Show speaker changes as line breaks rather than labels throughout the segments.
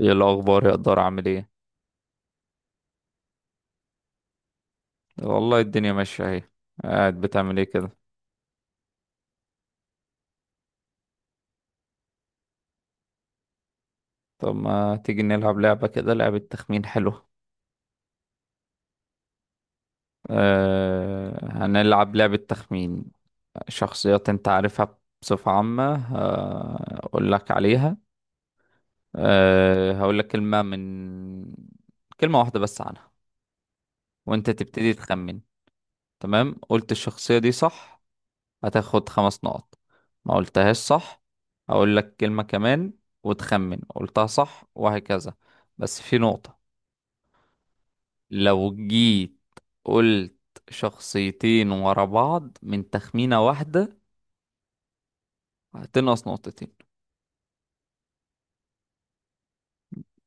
ايه الاخبار يا قدر، عامل ايه؟ والله الدنيا ماشيه اهي. قاعد بتعمل ايه كده؟ طب ما تيجي نلعب لعبه كده، لعبه تخمين حلوه. أه، هنلعب لعبه تخمين. شخصيات انت عارفها بصفه عامه، هقول لك عليها. أه، هقول لك كلمه واحده بس عنها، وانت تبتدي تخمن. تمام، قلت الشخصيه دي صح هتاخد 5 نقط. ما قلتهاش صح، هقول لك كلمة كمان وتخمن، قلتها صح وهكذا. بس في نقطة، لو جيت قلت شخصيتين ورا بعض من تخمينة واحدة هتنقص نقطتين.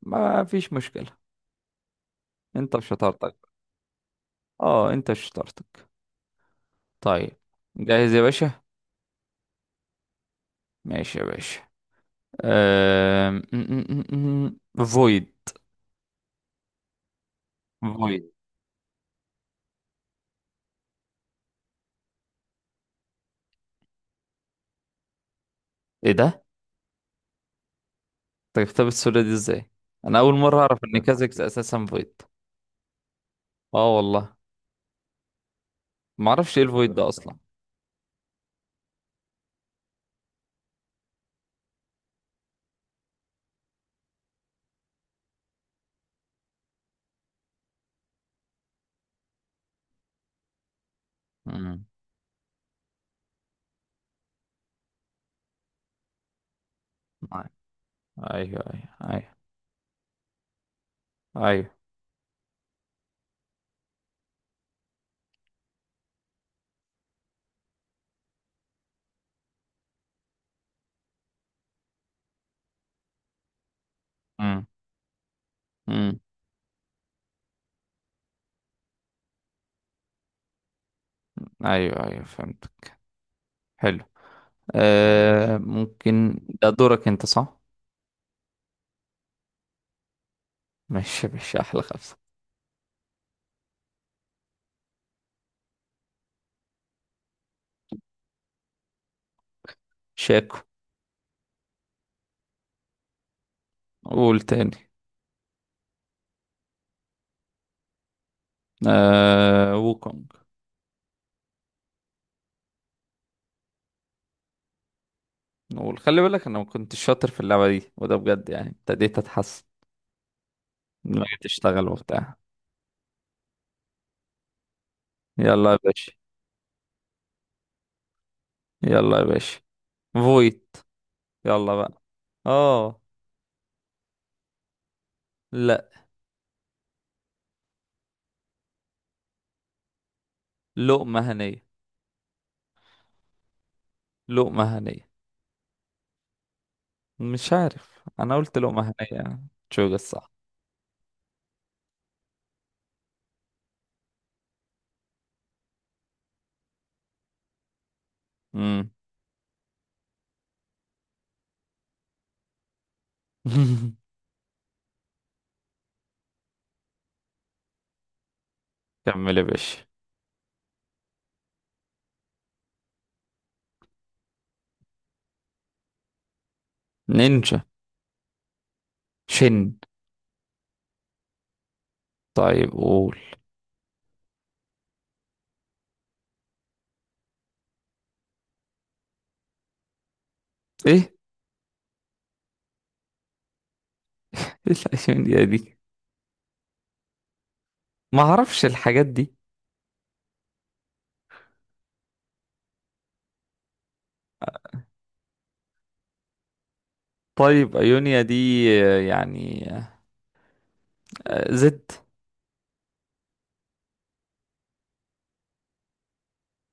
ما فيش مشكلة، انت وشطارتك. اه، انت وشطارتك. طيب. جاهز يا باشا؟ ماشي يا باشا. أم... م- م- م- م- فويد. فويد. ايه ده؟ طيب، كتاب السوله دي ازاي؟ انا اول مره اعرف ان كازكس اساسا فويد. اه والله. ما اعرفش ايه الفويد ده اصلا. امم. ايوه. ايوه، ايوه. ايوه. امم. امم. ايوه، ايوه، فهمتك. حلو. آه، ممكن ده دورك انت، صح؟ ماشي، ماشي، احلى خمسه. شاكو. قول تاني. آه، ووكونج. نقول خلي بالك انا ما كنتش شاطر في اللعبه دي، وده بجد يعني ابتديت اتحسن لما جيت اشتغل وبتاع. يلا يا باشا. يلا يا باشا. فويد. يلا بقى. اه. لا. لقمة هنية. لقمة هنية. مش عارف، انا قلت لقمة هنية. تشوج الصح. امم. كمل يا باشا. نينجا. شن. طيب، قول. ايه؟ ايه الايونيا دي؟ ما اعرفش الحاجات دي. طيب، ايونيا دي، آه، يعني، آه، زد.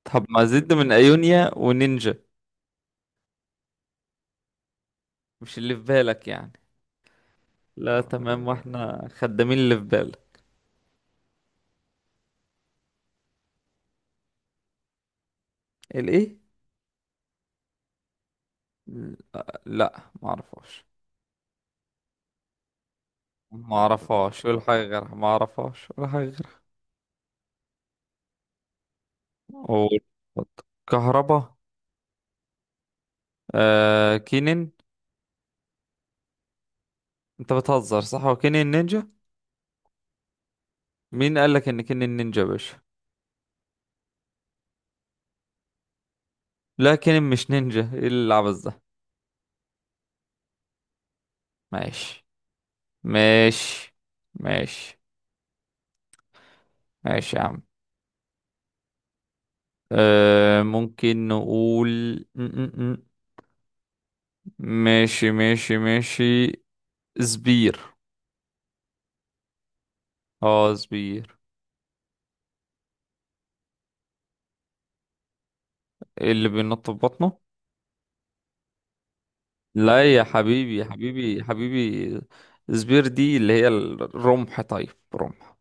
طب ما زد من ايونيا ونينجا. مش اللي في بالك يعني؟ لا، تمام، واحنا خدامين اللي في بالك. الايه؟ لا، ما اعرفهاش. ما اعرفهاش ولا حاجه غيرها، ما اعرفهاش ولا حاجه غيرها. قول. كهربا. آه، كينين. انت بتهزر، صح؟ هو كينين نينجا؟ مين قال لك ان كينين نينجا يا باشا؟ لا، كينين مش نينجا، ايه العبث ده؟ ماشي، ماشي، ماشي، ماشي يا عم. آه، ممكن نقول م -م -م. ماشي، ماشي، ماشي. زبير. اه، زبير. إيه اللي بينط في بطنه؟ لا يا حبيبي يا حبيبي يا حبيبي. زبير دي اللي هي الرمح، طيب رمح.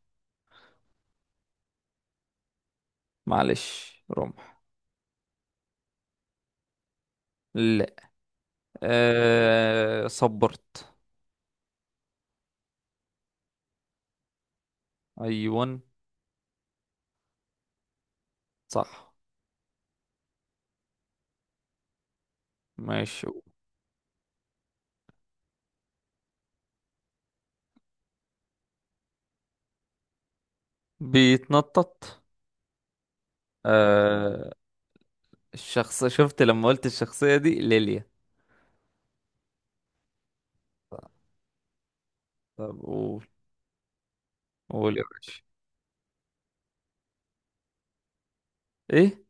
معلش، رمح. لا. آه، صبرت. ايون. صح. ماشي. بيتنطط. آه، الشخص، شفت لما قلت الشخصية دي ليليا. طب، قول. قول يا باشا. ايه؟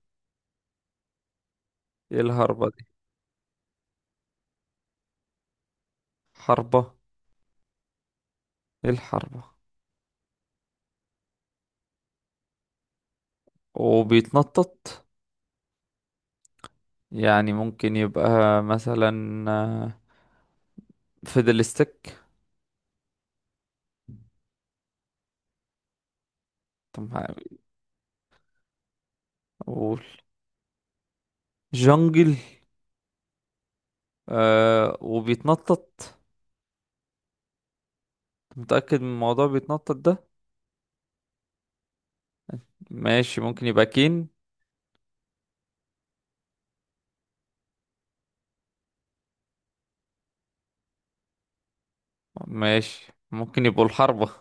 ايه الهربة دي؟ حربة. ايه الحربة؟ وبيتنطط؟ يعني ممكن يبقى مثلا، فيدلستيك. طب ما- قول. جنجل. آه، وبيتنطط. متأكد من الموضوع بيتنطط ده؟ ماشي، ممكن يبقى كين. ماشي، ممكن يبقوا الحربة.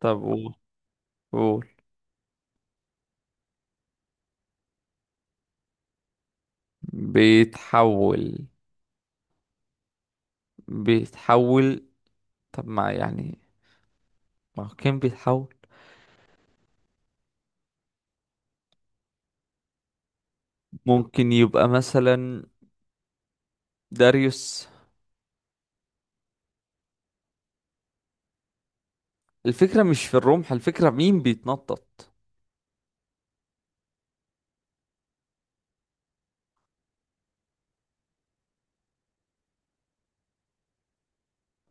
طب، قول. قول. بيتحول. بيتحول. طب، ما يعني، ما هو كين بيتحول. ممكن يبقى مثلا داريوس. الفكرة مش في الرمح، الفكرة مين بيتنطط.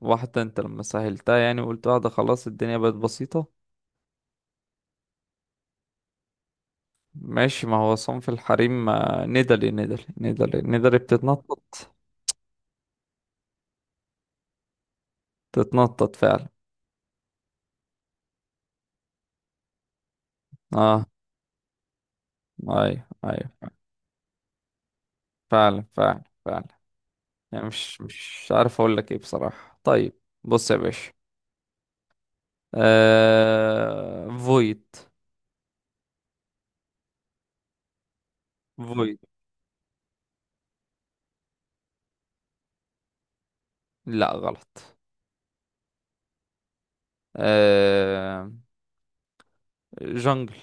واحدة؟ انت لما سهلتها يعني وقلت واحدة خلاص الدنيا بقت بسيطة. ماشي، ما هو صنف الحريم، آه، ندلي ندلي ندلي ندلي بتتنطط. تتنطط فعلا. اه. ايوه، ايوه. فعلا، فعلا، فعلا. يعني مش عارف اقول لك ايه بصراحة. طيب. بص يا باشا. فويد. فويد. لا، غلط. آه... جنجل.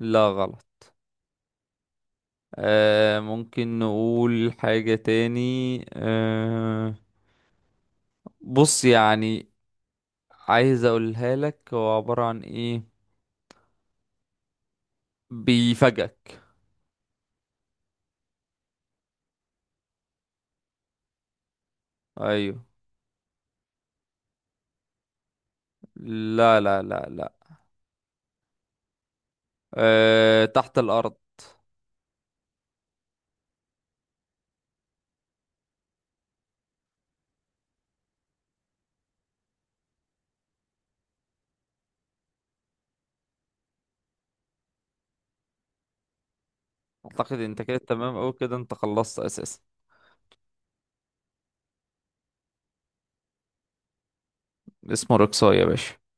لا، غلط. ممكن نقول حاجة تاني. آه... بص يعني، عايز اقولها لك هو عبارة عن ايه، بيفاجئك. ايوه. لا، لا، لا، لا. تحت الارض. اعتقد انت كده تمام اوي، كده انت خلصت اساسا. اسمه رقصة يا باشا.